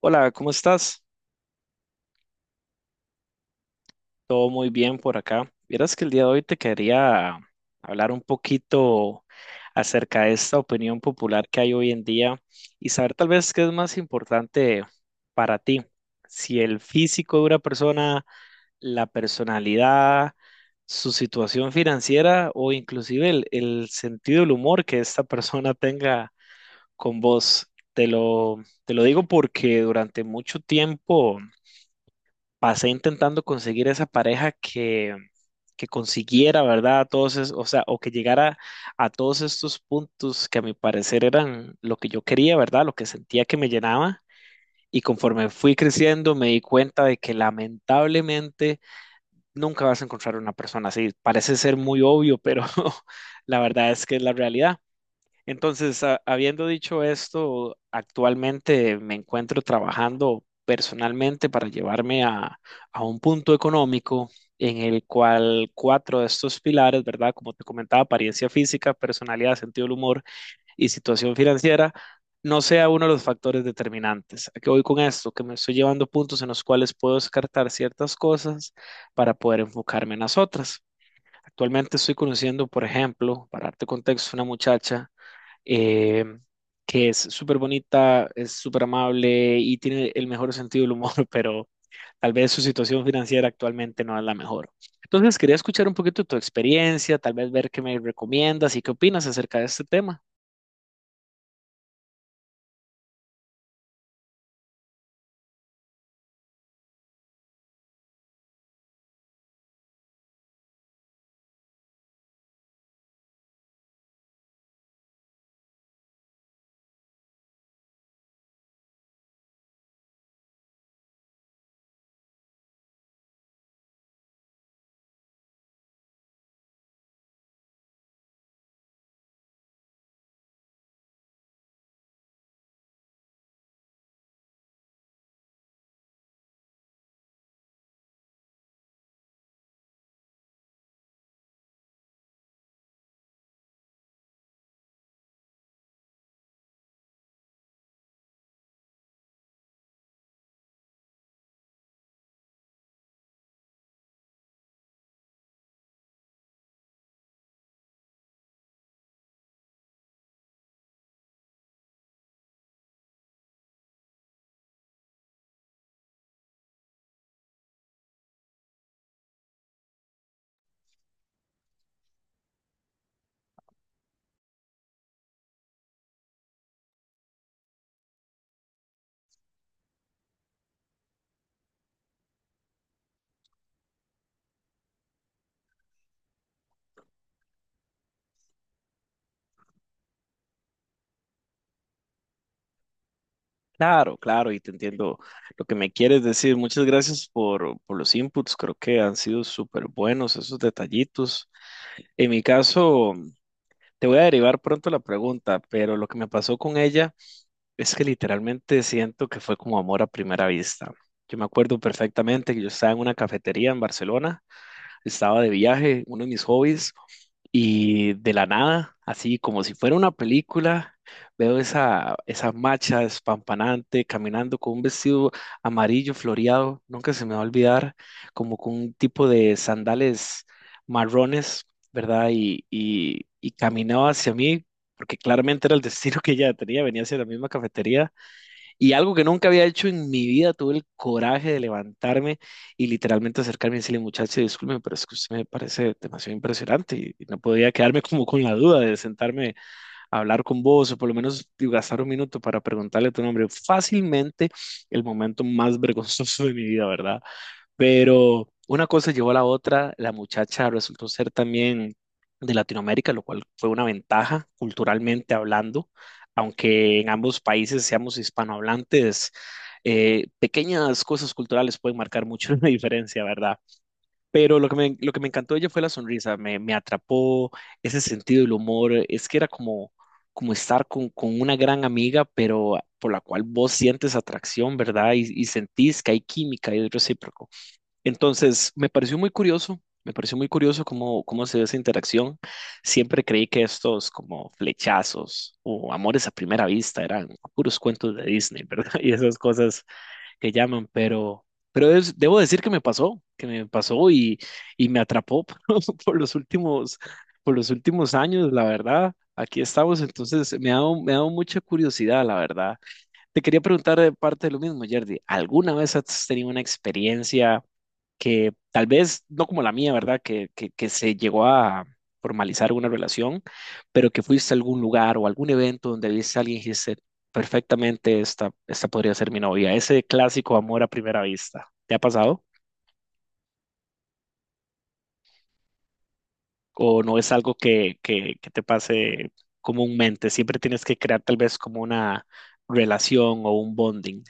Hola, ¿cómo estás? Todo muy bien por acá. Vieras que el día de hoy te quería hablar un poquito acerca de esta opinión popular que hay hoy en día y saber tal vez qué es más importante para ti, si el físico de una persona, la personalidad, su situación financiera o inclusive el sentido del humor que esta persona tenga con vos. Te lo digo porque durante mucho tiempo pasé intentando conseguir esa pareja que consiguiera, ¿verdad? O sea, o que llegara a todos estos puntos que a mi parecer eran lo que yo quería, ¿verdad? Lo que sentía que me llenaba. Y conforme fui creciendo, me di cuenta de que lamentablemente nunca vas a encontrar una persona así. Parece ser muy obvio, pero la verdad es que es la realidad. Entonces, habiendo dicho esto, actualmente me encuentro trabajando personalmente para llevarme a un punto económico en el cual cuatro de estos pilares, ¿verdad? Como te comentaba, apariencia física, personalidad, sentido del humor y situación financiera, no sea uno de los factores determinantes. ¿A qué voy con esto? Que me estoy llevando puntos en los cuales puedo descartar ciertas cosas para poder enfocarme en las otras. Actualmente estoy conociendo, por ejemplo, para darte contexto, una muchacha eh, que es súper bonita, es súper amable y tiene el mejor sentido del humor, pero tal vez su situación financiera actualmente no es la mejor. Entonces, quería escuchar un poquito tu experiencia, tal vez ver qué me recomiendas y qué opinas acerca de este tema. Claro, claro, y te entiendo lo que me quieres decir. Muchas gracias por los inputs, creo que han sido súper buenos esos detallitos. En mi caso, te voy a derivar pronto la pregunta, pero lo que me pasó con ella es que literalmente siento que fue como amor a primera vista. Yo me acuerdo perfectamente que yo estaba en una cafetería en Barcelona, estaba de viaje, uno de mis hobbies, y de la nada, así como si fuera una película, veo esa macha despampanante caminando con un vestido amarillo floreado, nunca se me va a olvidar, como con un tipo de sandales marrones, ¿verdad? Y, y caminaba hacia mí, porque claramente era el destino que ella tenía, venía hacia la misma cafetería. Y algo que nunca había hecho en mi vida, tuve el coraje de levantarme y literalmente acercarme y decirle, muchacho, disculpe, pero es que usted me parece demasiado impresionante y no podía quedarme como con la duda de sentarme a hablar con vos o por lo menos digo, gastar 1 minuto para preguntarle tu nombre. Fácilmente el momento más vergonzoso de mi vida, ¿verdad? Pero una cosa llevó a la otra, la muchacha resultó ser también de Latinoamérica, lo cual fue una ventaja culturalmente hablando, aunque en ambos países seamos hispanohablantes, pequeñas cosas culturales pueden marcar mucho la diferencia, ¿verdad? Pero lo que me encantó de ella fue la sonrisa, me atrapó ese sentido del humor, es que era como, como estar con una gran amiga, pero por la cual vos sientes atracción, ¿verdad? Y sentís que hay química y es recíproco. Entonces, me pareció muy curioso cómo, cómo se ve esa interacción. Siempre creí que estos como flechazos o amores a primera vista eran puros cuentos de Disney, ¿verdad? Y esas cosas que llaman, pero, debo decir que me pasó y me atrapó por los últimos, por los últimos años, la verdad. Aquí estamos, entonces me ha dado mucha curiosidad, la verdad. Te quería preguntar de parte de lo mismo, Jerdy, ¿alguna vez has tenido una experiencia? Que tal vez no como la mía, ¿verdad? Que se llegó a formalizar una relación, pero que fuiste a algún lugar o algún evento donde viste a alguien y dijiste, perfectamente, esta podría ser mi novia. Ese clásico amor a primera vista, ¿te ha pasado? ¿O no es algo que te pase comúnmente? Siempre tienes que crear tal vez como una relación o un bonding.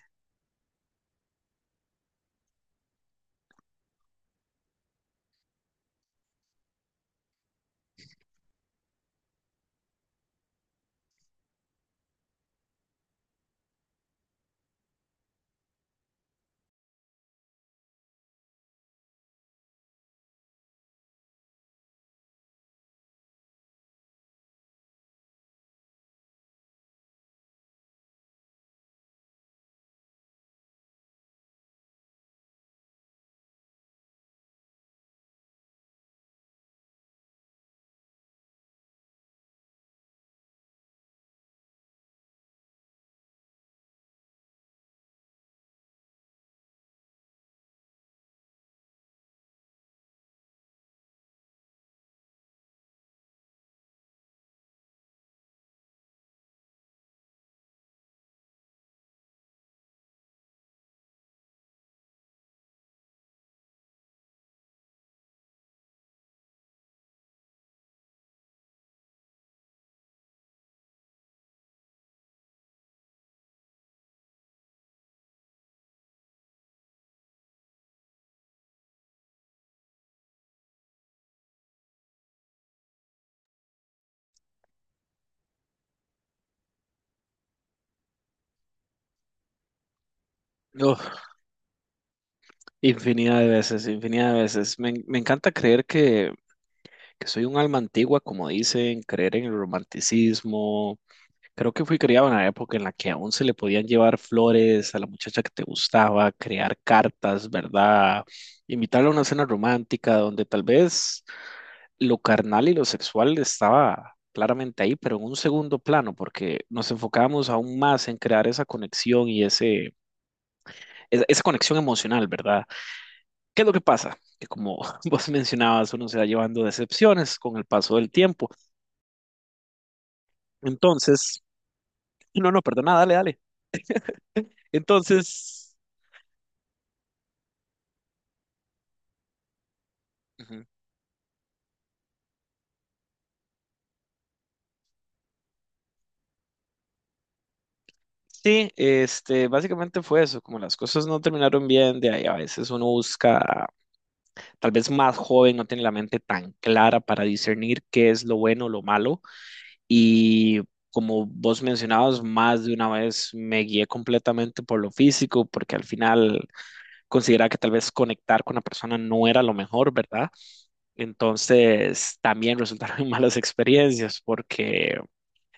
Uf, infinidad de veces, infinidad de veces. Me encanta creer que soy un alma antigua, como dicen, creer en el romanticismo. Creo que fui criado en una época en la que aún se le podían llevar flores a la muchacha que te gustaba, crear cartas, ¿verdad? Invitarla a una cena romántica donde tal vez lo carnal y lo sexual estaba claramente ahí, pero en un segundo plano, porque nos enfocábamos aún más en crear esa conexión y esa conexión emocional, ¿verdad? ¿Qué es lo que pasa? Que como vos mencionabas, uno se va llevando decepciones con el paso del tiempo. Entonces, no, no, perdona, dale, dale. Entonces, ujú, sí, este, básicamente fue eso, como las cosas no terminaron bien, de ahí a veces uno busca, tal vez más joven, no tiene la mente tan clara para discernir qué es lo bueno, lo malo, y como vos mencionabas, más de una vez me guié completamente por lo físico, porque al final consideraba que tal vez conectar con la persona no era lo mejor, ¿verdad? Entonces, también resultaron malas experiencias, porque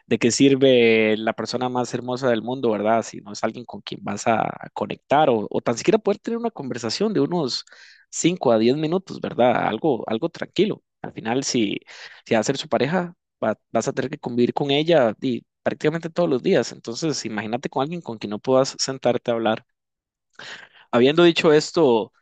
¿de qué sirve la persona más hermosa del mundo, verdad? Si no es alguien con quien vas a conectar o tan siquiera poder tener una conversación de unos 5 a 10 minutos, ¿verdad? Algo, algo tranquilo. Al final, si va a ser su pareja, vas a tener que convivir con ella y prácticamente todos los días. Entonces, imagínate con alguien con quien no puedas sentarte a hablar. Habiendo dicho esto,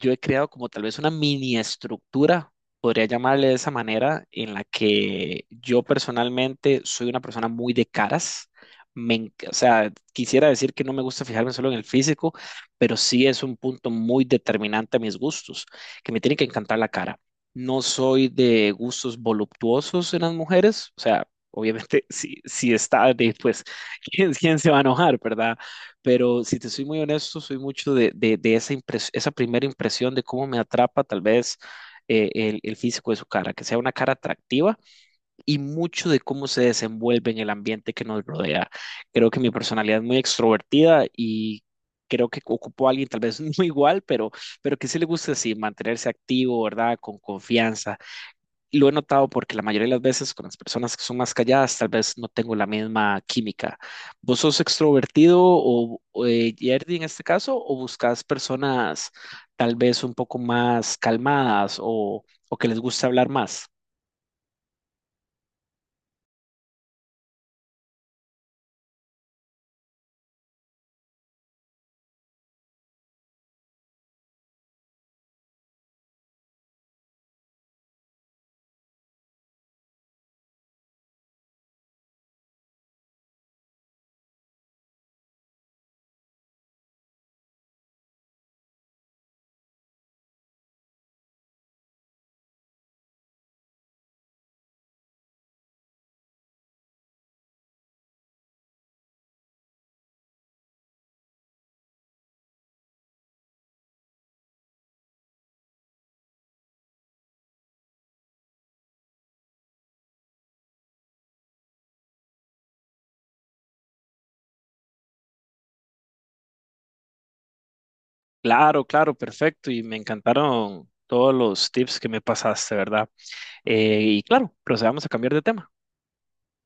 yo he creado como tal vez una mini estructura, podría llamarle de esa manera, en la que yo personalmente soy una persona muy de caras. O sea, quisiera decir que no me gusta fijarme solo en el físico, pero sí es un punto muy determinante a mis gustos, que me tiene que encantar la cara. No soy de gustos voluptuosos en las mujeres, o sea, obviamente si está, de, pues, ¿quién, quién se va a enojar, verdad? Pero si te soy muy honesto, soy mucho de esa, esa primera impresión de cómo me atrapa tal vez el físico de su cara, que sea una cara atractiva y mucho de cómo se desenvuelve en el ambiente que nos rodea. Creo que mi personalidad es muy extrovertida y creo que ocupo a alguien tal vez no igual, pero que sí le gusta así, mantenerse activo, ¿verdad? Con confianza lo he notado porque la mayoría de las veces con las personas que son más calladas, tal vez no tengo la misma química. ¿Vos sos extrovertido Yerdy en este caso, o buscas personas tal vez un poco más calmadas o que les gusta hablar más? Claro, claro, perfecto. Y me encantaron todos los tips que me pasaste, ¿verdad? Y claro, procedamos a cambiar de tema.